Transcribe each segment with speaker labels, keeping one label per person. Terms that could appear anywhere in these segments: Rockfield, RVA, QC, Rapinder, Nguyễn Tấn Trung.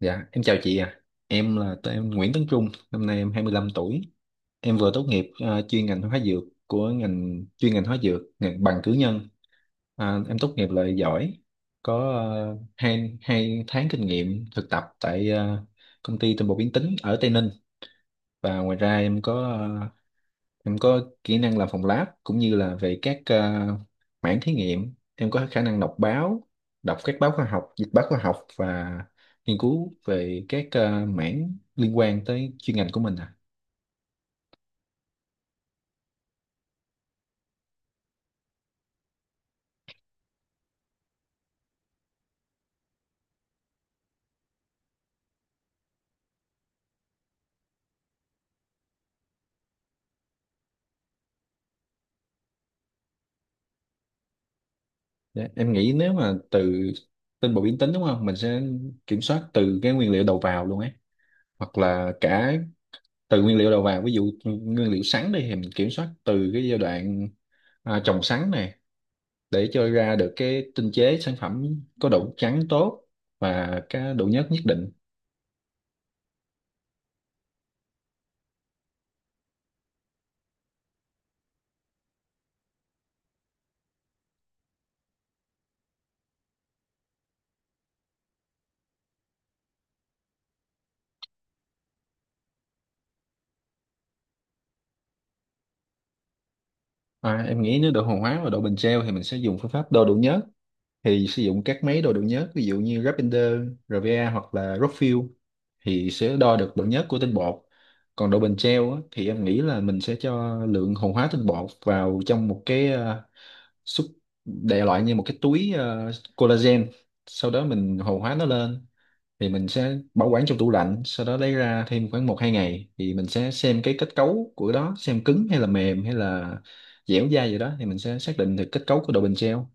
Speaker 1: Dạ, em chào chị. Em là Nguyễn Tấn Trung, năm nay em 25 tuổi. Em vừa tốt nghiệp chuyên ngành hóa dược của ngành chuyên ngành hóa dược, ngành bằng cử nhân. À, em tốt nghiệp loại giỏi, có hai tháng kinh nghiệm thực tập tại công ty tinh bột biến tính ở Tây Ninh. Và ngoài ra em có em có kỹ năng làm phòng lab, cũng như là về các mảng thí nghiệm. Em có khả năng đọc các báo khoa học, dịch báo khoa học và nghiên cứu về các mảng liên quan tới chuyên ngành của mình. Dạ, em nghĩ nếu mà từ tên bộ biến tính, đúng không, mình sẽ kiểm soát từ cái nguyên liệu đầu vào luôn ấy, hoặc là cả từ nguyên liệu đầu vào. Ví dụ nguyên liệu sắn đi thì mình kiểm soát từ cái giai đoạn trồng sắn này, để cho ra được cái tinh chế sản phẩm có độ trắng tốt và cái độ nhớt nhất định. À, em nghĩ nếu độ hồ hóa và độ bền treo thì mình sẽ dùng phương pháp đo độ nhớt, thì sử dụng các máy đo độ nhớt ví dụ như Rapinder, RVA hoặc là Rockfield, thì sẽ đo được độ nhớt của tinh bột. Còn độ bền treo á, thì em nghĩ là mình sẽ cho lượng hồ hóa tinh bột vào trong một cái xúc, đại loại như một cái túi collagen, sau đó mình hồ hóa nó lên, thì mình sẽ bảo quản trong tủ lạnh, sau đó lấy ra thêm khoảng một hai ngày thì mình sẽ xem cái kết cấu của đó xem cứng hay là mềm hay là dẻo dai gì đó, thì mình sẽ xác định được kết cấu của đồ bình treo.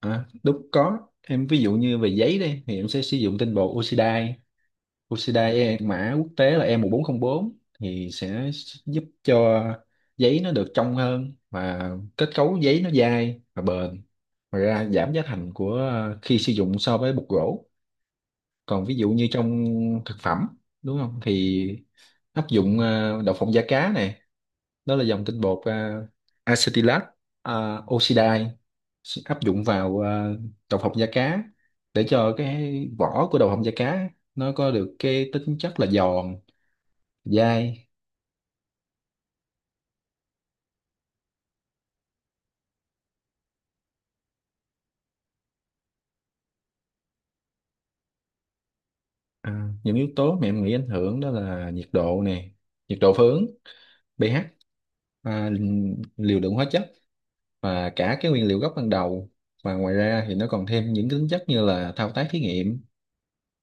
Speaker 1: À, lúc có em ví dụ như về giấy đây thì em sẽ sử dụng tinh bột oxidai. Mã quốc tế là E1404, thì sẽ giúp cho giấy nó được trong hơn và kết cấu giấy nó dai và bền. Ngoài ra giảm giá thành của khi sử dụng so với bột gỗ. Còn ví dụ như trong thực phẩm, đúng không, thì áp dụng đậu phộng da cá này, đó là dòng tinh bột acetylat, oxidai, sẽ áp dụng vào đậu phộng da cá, để cho cái vỏ của đậu phộng da cá nó có được cái tính chất là giòn, dai. À, những yếu tố mà em nghĩ ảnh hưởng đó là nhiệt độ nè, nhiệt độ phướng, pH, à, liều lượng hóa chất và cả cái nguyên liệu gốc ban đầu. Và ngoài ra thì nó còn thêm những cái tính chất như là thao tác thí nghiệm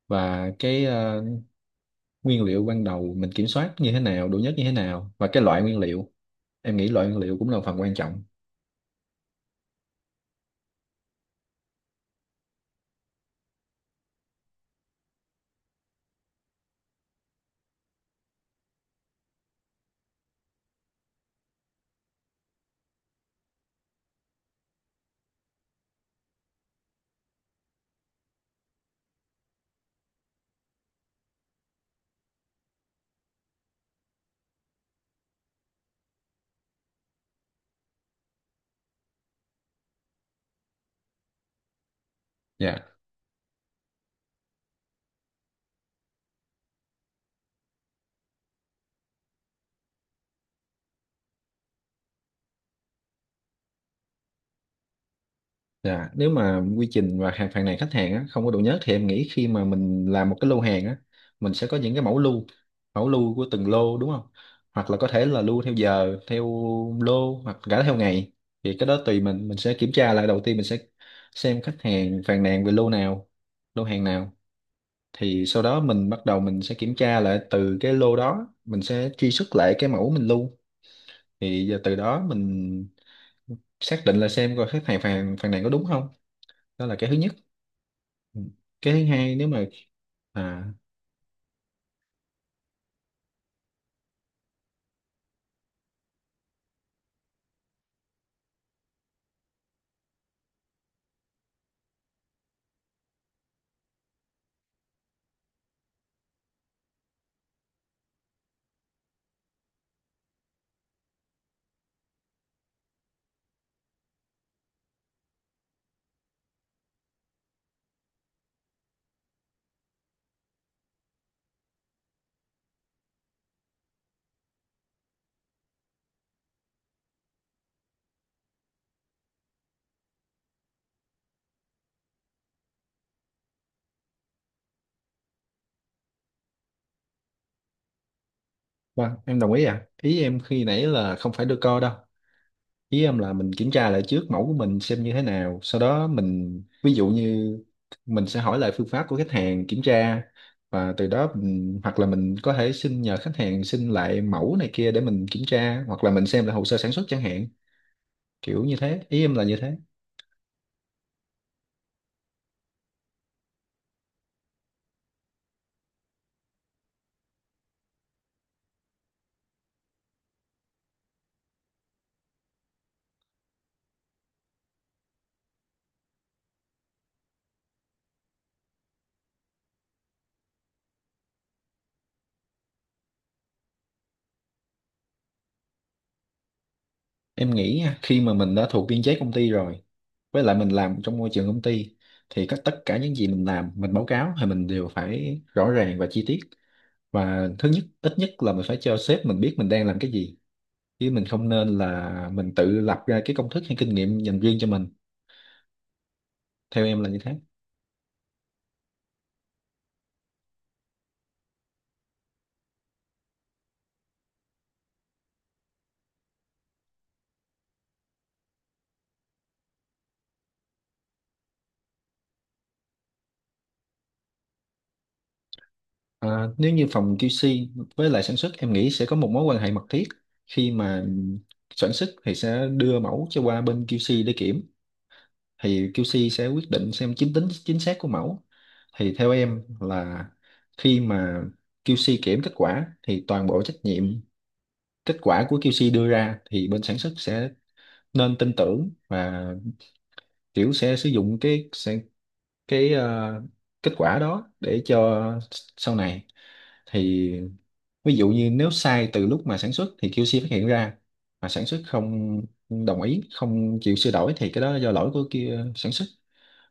Speaker 1: và cái nguyên liệu ban đầu mình kiểm soát như thế nào, độ nhất như thế nào và cái loại nguyên liệu. Em nghĩ loại nguyên liệu cũng là một phần quan trọng. Dạ. Dạ, nếu mà quy trình và hàng phàn nàn khách hàng á, không có độ nhớ thì em nghĩ khi mà mình làm một cái lô hàng á, mình sẽ có những cái mẫu lưu của từng lô, đúng không? Hoặc là có thể là lưu theo giờ, theo lô hoặc cả theo ngày. Thì cái đó tùy mình sẽ kiểm tra lại đầu tiên, mình sẽ xem khách hàng phàn nàn về lô nào, lô hàng nào. Thì sau đó mình bắt đầu mình sẽ kiểm tra lại từ cái lô đó, mình sẽ truy xuất lại cái mẫu mình lưu. Thì giờ từ đó mình xác định là xem coi khách hàng phàn phàn nàn có đúng không, đó là cái thứ nhất. Ừ. Cái thứ hai nếu mà à vâng, em đồng ý. À, ý em khi nãy là không phải đưa co đâu, ý em là mình kiểm tra lại trước mẫu của mình xem như thế nào, sau đó mình ví dụ như mình sẽ hỏi lại phương pháp của khách hàng kiểm tra, và từ đó mình, hoặc là mình có thể xin nhờ khách hàng xin lại mẫu này kia để mình kiểm tra, hoặc là mình xem lại hồ sơ sản xuất chẳng hạn, kiểu như thế. Ý em là như thế. Em nghĩ nha, khi mà mình đã thuộc biên chế công ty rồi, với lại mình làm trong môi trường công ty, thì tất cả những gì mình làm, mình báo cáo, thì mình đều phải rõ ràng và chi tiết. Và thứ nhất ít nhất là mình phải cho sếp mình biết mình đang làm cái gì, chứ mình không nên là mình tự lập ra cái công thức hay kinh nghiệm dành riêng cho mình. Theo em là như thế. À, nếu như phòng QC với lại sản xuất, em nghĩ sẽ có một mối quan hệ mật thiết. Khi mà sản xuất thì sẽ đưa mẫu cho qua bên QC để kiểm, thì QC sẽ quyết định xem tính chính xác của mẫu. Thì theo em là khi mà QC kiểm kết quả thì toàn bộ trách nhiệm kết quả của QC đưa ra thì bên sản xuất sẽ nên tin tưởng và kiểu sẽ sử dụng cái sẽ, cái ờ, kết quả đó để cho sau này. Thì ví dụ như nếu sai từ lúc mà sản xuất thì QC phát hiện ra, mà sản xuất không đồng ý, không chịu sửa đổi, thì cái đó là do lỗi của kia sản xuất.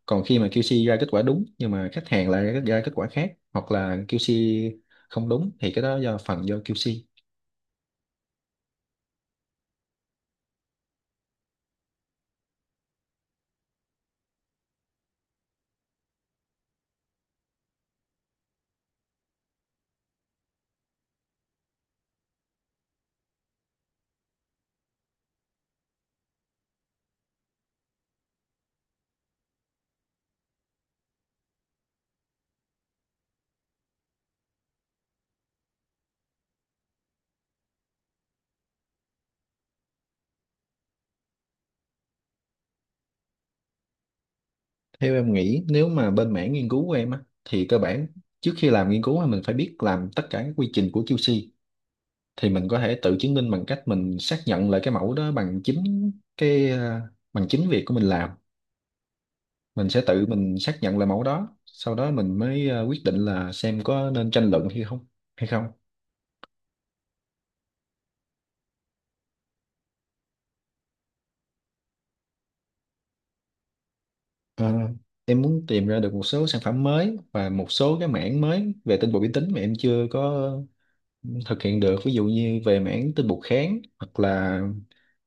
Speaker 1: Còn khi mà QC ra kết quả đúng nhưng mà khách hàng lại ra kết quả khác, hoặc là QC không đúng, thì cái đó do phần do QC. Theo em nghĩ nếu mà bên mảng nghiên cứu của em á thì cơ bản trước khi làm nghiên cứu á, mình phải biết làm tất cả các quy trình của QC, thì mình có thể tự chứng minh bằng cách mình xác nhận lại cái mẫu đó bằng chính cái ờ, bằng chính việc của mình làm. Mình sẽ tự mình xác nhận lại mẫu đó, sau đó mình mới quyết định là xem có nên tranh luận hay không hay không Ờ, em muốn tìm ra được một số sản phẩm mới và một số cái mảng mới về tinh bột vi tính mà em chưa có thực hiện được, ví dụ như về mảng tinh bột kháng hoặc là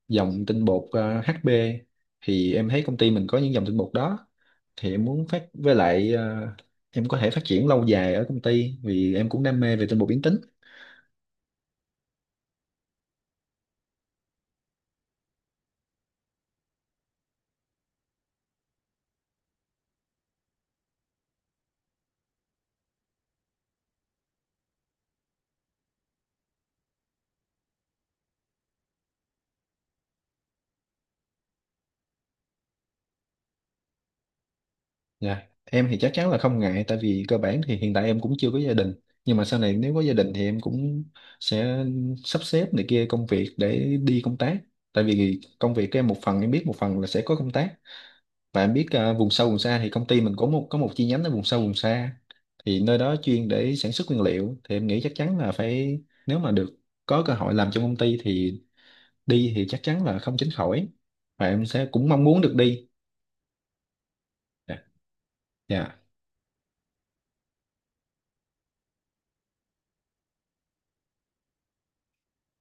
Speaker 1: dòng tinh bột HB, thì em thấy công ty mình có những dòng tinh bột đó, thì em muốn phát với lại ờ, em có thể phát triển lâu dài ở công ty, vì em cũng đam mê về tinh bột biến tính. Dạ, em thì chắc chắn là không ngại, tại vì cơ bản thì hiện tại em cũng chưa có gia đình. Nhưng mà sau này nếu có gia đình thì em cũng sẽ sắp xếp này kia công việc để đi công tác. Tại vì công việc của em một phần em biết, một phần là sẽ có công tác. Và em biết vùng sâu vùng xa thì công ty mình có có một chi nhánh ở vùng sâu vùng xa, thì nơi đó chuyên để sản xuất nguyên liệu. Thì em nghĩ chắc chắn là phải, nếu mà được có cơ hội làm trong công ty thì đi thì chắc chắn là không tránh khỏi, và em sẽ cũng mong muốn được đi. Dạ. Dạ.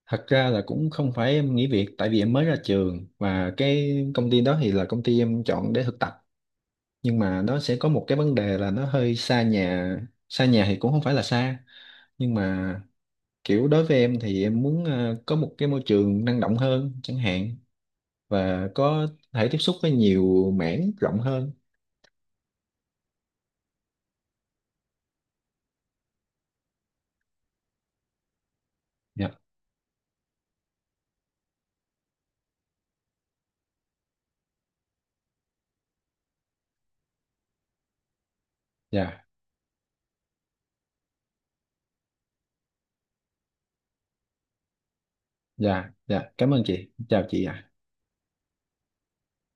Speaker 1: Thật ra là cũng không phải em nghỉ việc, tại vì em mới ra trường và cái công ty đó thì là công ty em chọn để thực tập, nhưng mà nó sẽ có một cái vấn đề là nó hơi xa nhà. Xa nhà thì cũng không phải là xa, nhưng mà kiểu đối với em thì em muốn có một cái môi trường năng động hơn chẳng hạn, và có thể tiếp xúc với nhiều mảng rộng hơn. dạ dạ dạ, dạ, cảm ơn chị, chào chị ạ.